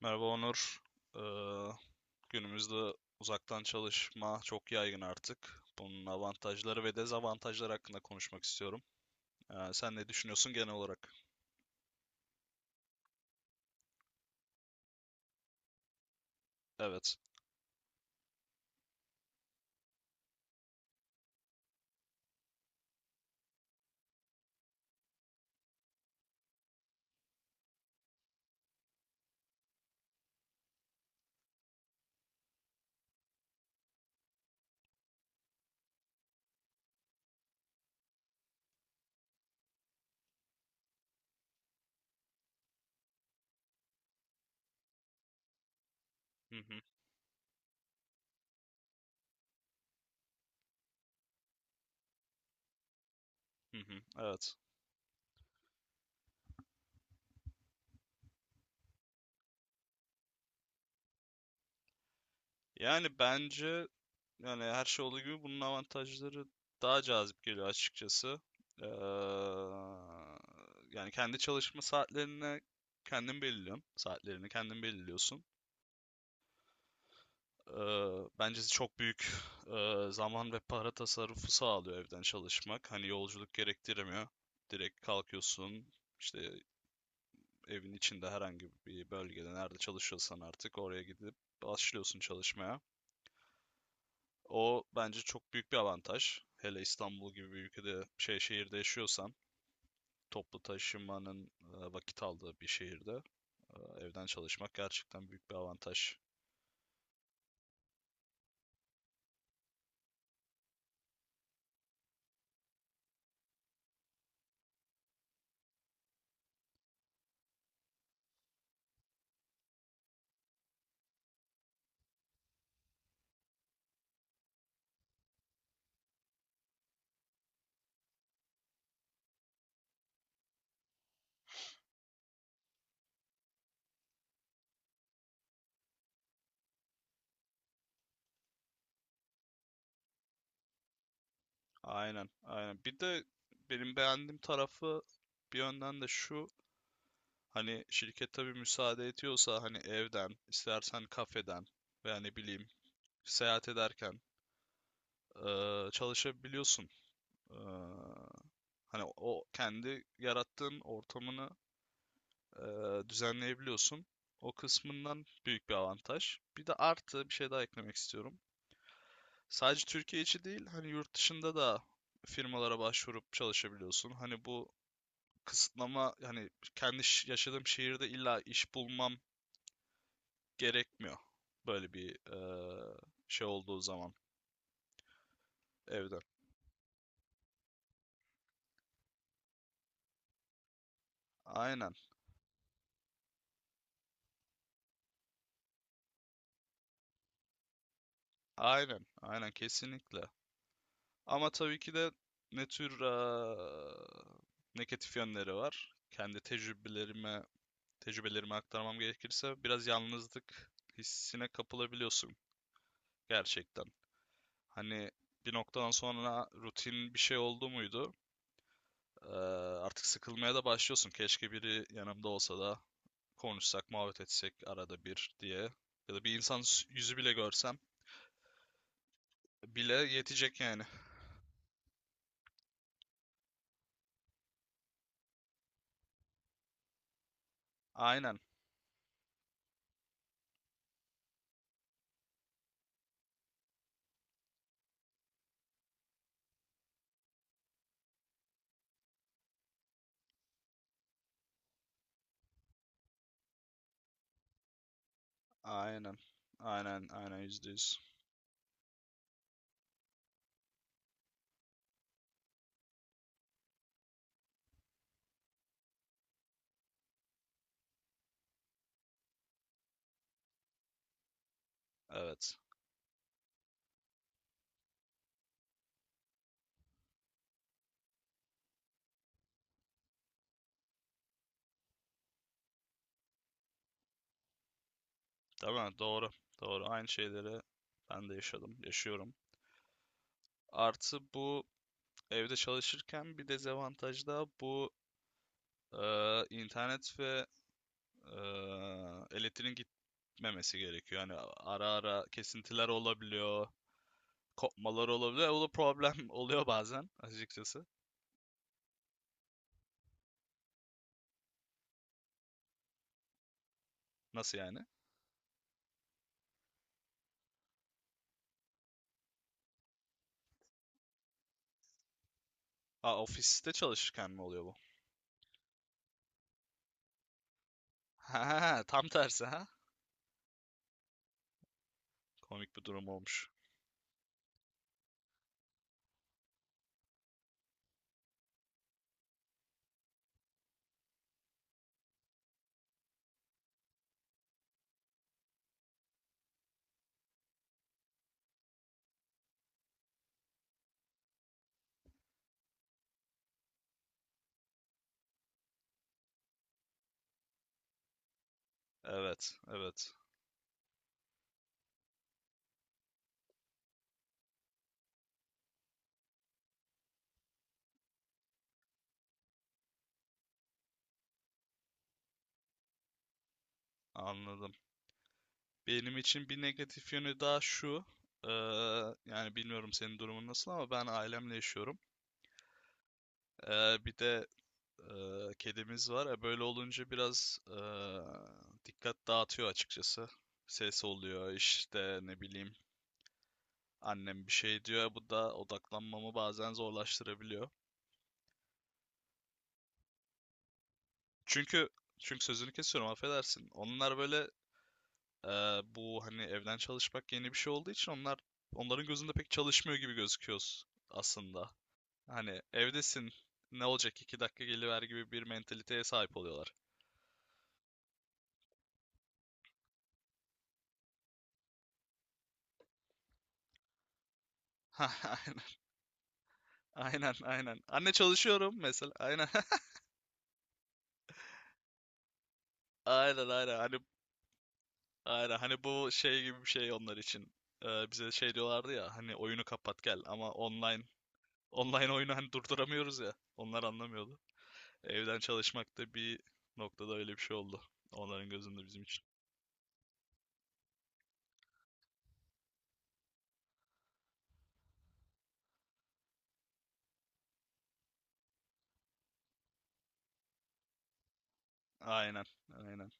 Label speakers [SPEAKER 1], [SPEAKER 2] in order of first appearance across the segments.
[SPEAKER 1] Merhaba Onur. Ee, günümüzde uzaktan çalışma çok yaygın artık. Bunun avantajları ve dezavantajları hakkında konuşmak istiyorum. Sen ne düşünüyorsun genel olarak? Evet. Hı hı, hı hı, evet. Yani bence yani her şey olduğu gibi bunun avantajları daha cazip geliyor açıkçası. Ee, yani kendi çalışma saatlerine kendin belirliyorsun. Saatlerini kendin belirliyorsun. Bence çok büyük zaman ve para tasarrufu sağlıyor evden çalışmak. Hani yolculuk gerektirmiyor. Direkt kalkıyorsun, işte evin içinde herhangi bir bölgede nerede çalışıyorsan artık oraya gidip başlıyorsun çalışmaya. O bence çok büyük bir avantaj. Hele İstanbul gibi bir ülkede, şey şehirde yaşıyorsan, toplu taşımanın vakit aldığı bir şehirde eee, evden çalışmak gerçekten büyük bir avantaj. Aynen, aynen. Bir de benim beğendiğim tarafı bir yönden de şu, hani şirket tabii müsaade ediyorsa hani evden, istersen kafeden veya ne bileyim seyahat ederken çalışabiliyorsun. Eee, hani o kendi yarattığın ortamını düzenleyebiliyorsun. O kısmından büyük bir avantaj. Bir de artı bir şey daha eklemek istiyorum. Sadece Türkiye içi değil, hani yurt dışında da firmalara başvurup çalışabiliyorsun. Hani bu kısıtlama hani kendi yaşadığım şehirde illa iş bulmam gerekmiyor. Böyle bir şey olduğu zaman evden. Aynen. Aynen. Aynen kesinlikle. Ama tabii ki de ne tür negatif yönleri var. Kendi tecrübelerimi aktarmam gerekirse biraz yalnızlık hissine kapılabiliyorsun gerçekten. Hani bir noktadan sonra rutin bir şey oldu muydu? Ee, artık sıkılmaya da başlıyorsun. Keşke biri yanımda olsa da konuşsak, muhabbet etsek arada bir diye. Ya da bir insan yüzü bile görsem bile yetecek yani. Aynen, aynen, aynen, aynen %100. Evet, tamam, doğru, doğru. Aynı şeyleri ben de yaşadım, yaşıyorum. Artı bu evde çalışırken bir dezavantaj da bu internet ve elektriğin gitmemesi gerekiyor. Yani ara ara kesintiler olabiliyor. Kopmalar olabiliyor. O da problem oluyor bazen açıkçası. Nasıl yani? Aa, ofiste çalışırken mi oluyor bu? Ha, tam tersi ha. Komik bir durum olmuş. Evet, evet. Anladım. Benim için bir negatif yönü daha şu. Yani bilmiyorum senin durumun nasıl ama ben ailemle yaşıyorum. Bir de kedimiz var. Böyle olunca biraz dikkat dağıtıyor açıkçası. Ses oluyor işte ne bileyim. Annem bir şey diyor, bu da odaklanmamı bazen zorlaştırabiliyor. Çünkü çünkü sözünü kesiyorum, affedersin. Onlar böyle bu hani evden çalışmak yeni bir şey olduğu için onların gözünde pek çalışmıyor gibi gözüküyoruz aslında. Hani evdesin, ne olacak 2 dakika geliver gibi bir mentaliteye sahip oluyorlar. Aynen, aynen, aynen. Anne çalışıyorum mesela. Aynen, aynen, aynen. Hani, aynen. Hani bu şey gibi bir şey onlar için. Bize şey diyorlardı ya hani oyunu kapat gel ama Online oyunu hani durduramıyoruz ya. Onlar anlamıyordu. Evden çalışmak da bir noktada öyle bir şey oldu. Onların gözünde bizim için. Aynen, aynen.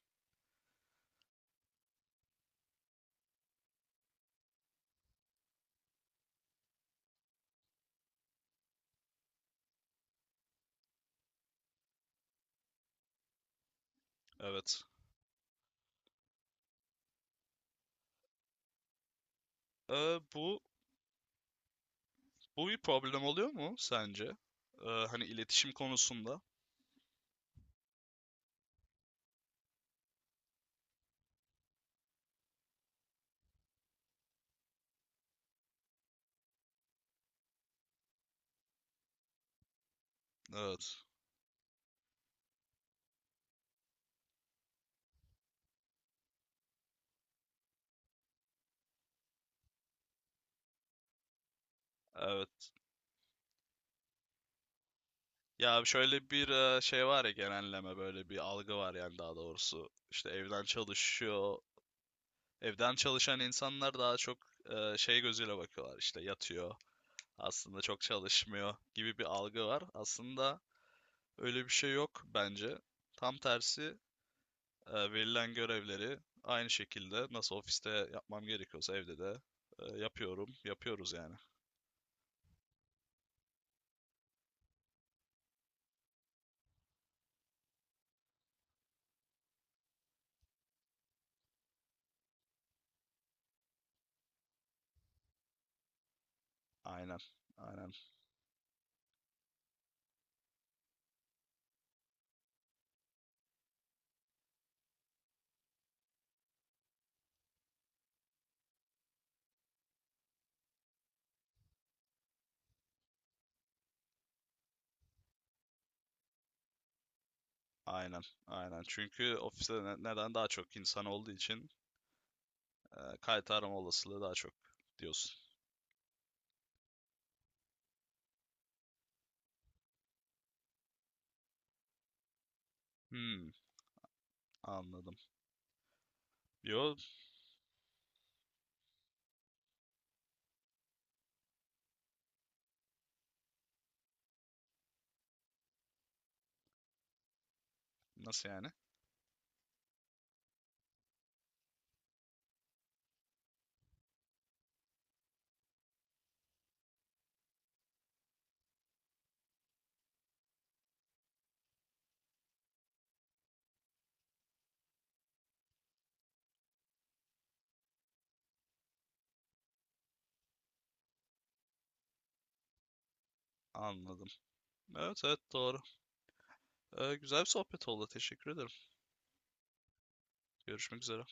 [SPEAKER 1] Evet. Ee, bu bu bir problem oluyor mu sence? Hani iletişim konusunda. Evet. Evet. Ya şöyle bir şey var ya, genelleme böyle bir algı var yani daha doğrusu. İşte evden çalışıyor. Evden çalışan insanlar daha çok şey gözüyle bakıyorlar, işte yatıyor aslında çok çalışmıyor gibi bir algı var. Aslında öyle bir şey yok bence. Tam tersi verilen görevleri aynı şekilde nasıl ofiste yapmam gerekiyorsa evde de yapıyoruz yani. Aynen, aynen, aynen, aynen. Çünkü ofiste neden daha çok insan olduğu için e, kayıt arama olasılığı daha çok diyorsun. Hmm, anladım. Yo, nasıl yani? Anladım. Evet, evet doğru. Güzel bir sohbet oldu. Teşekkür ederim. Görüşmek üzere.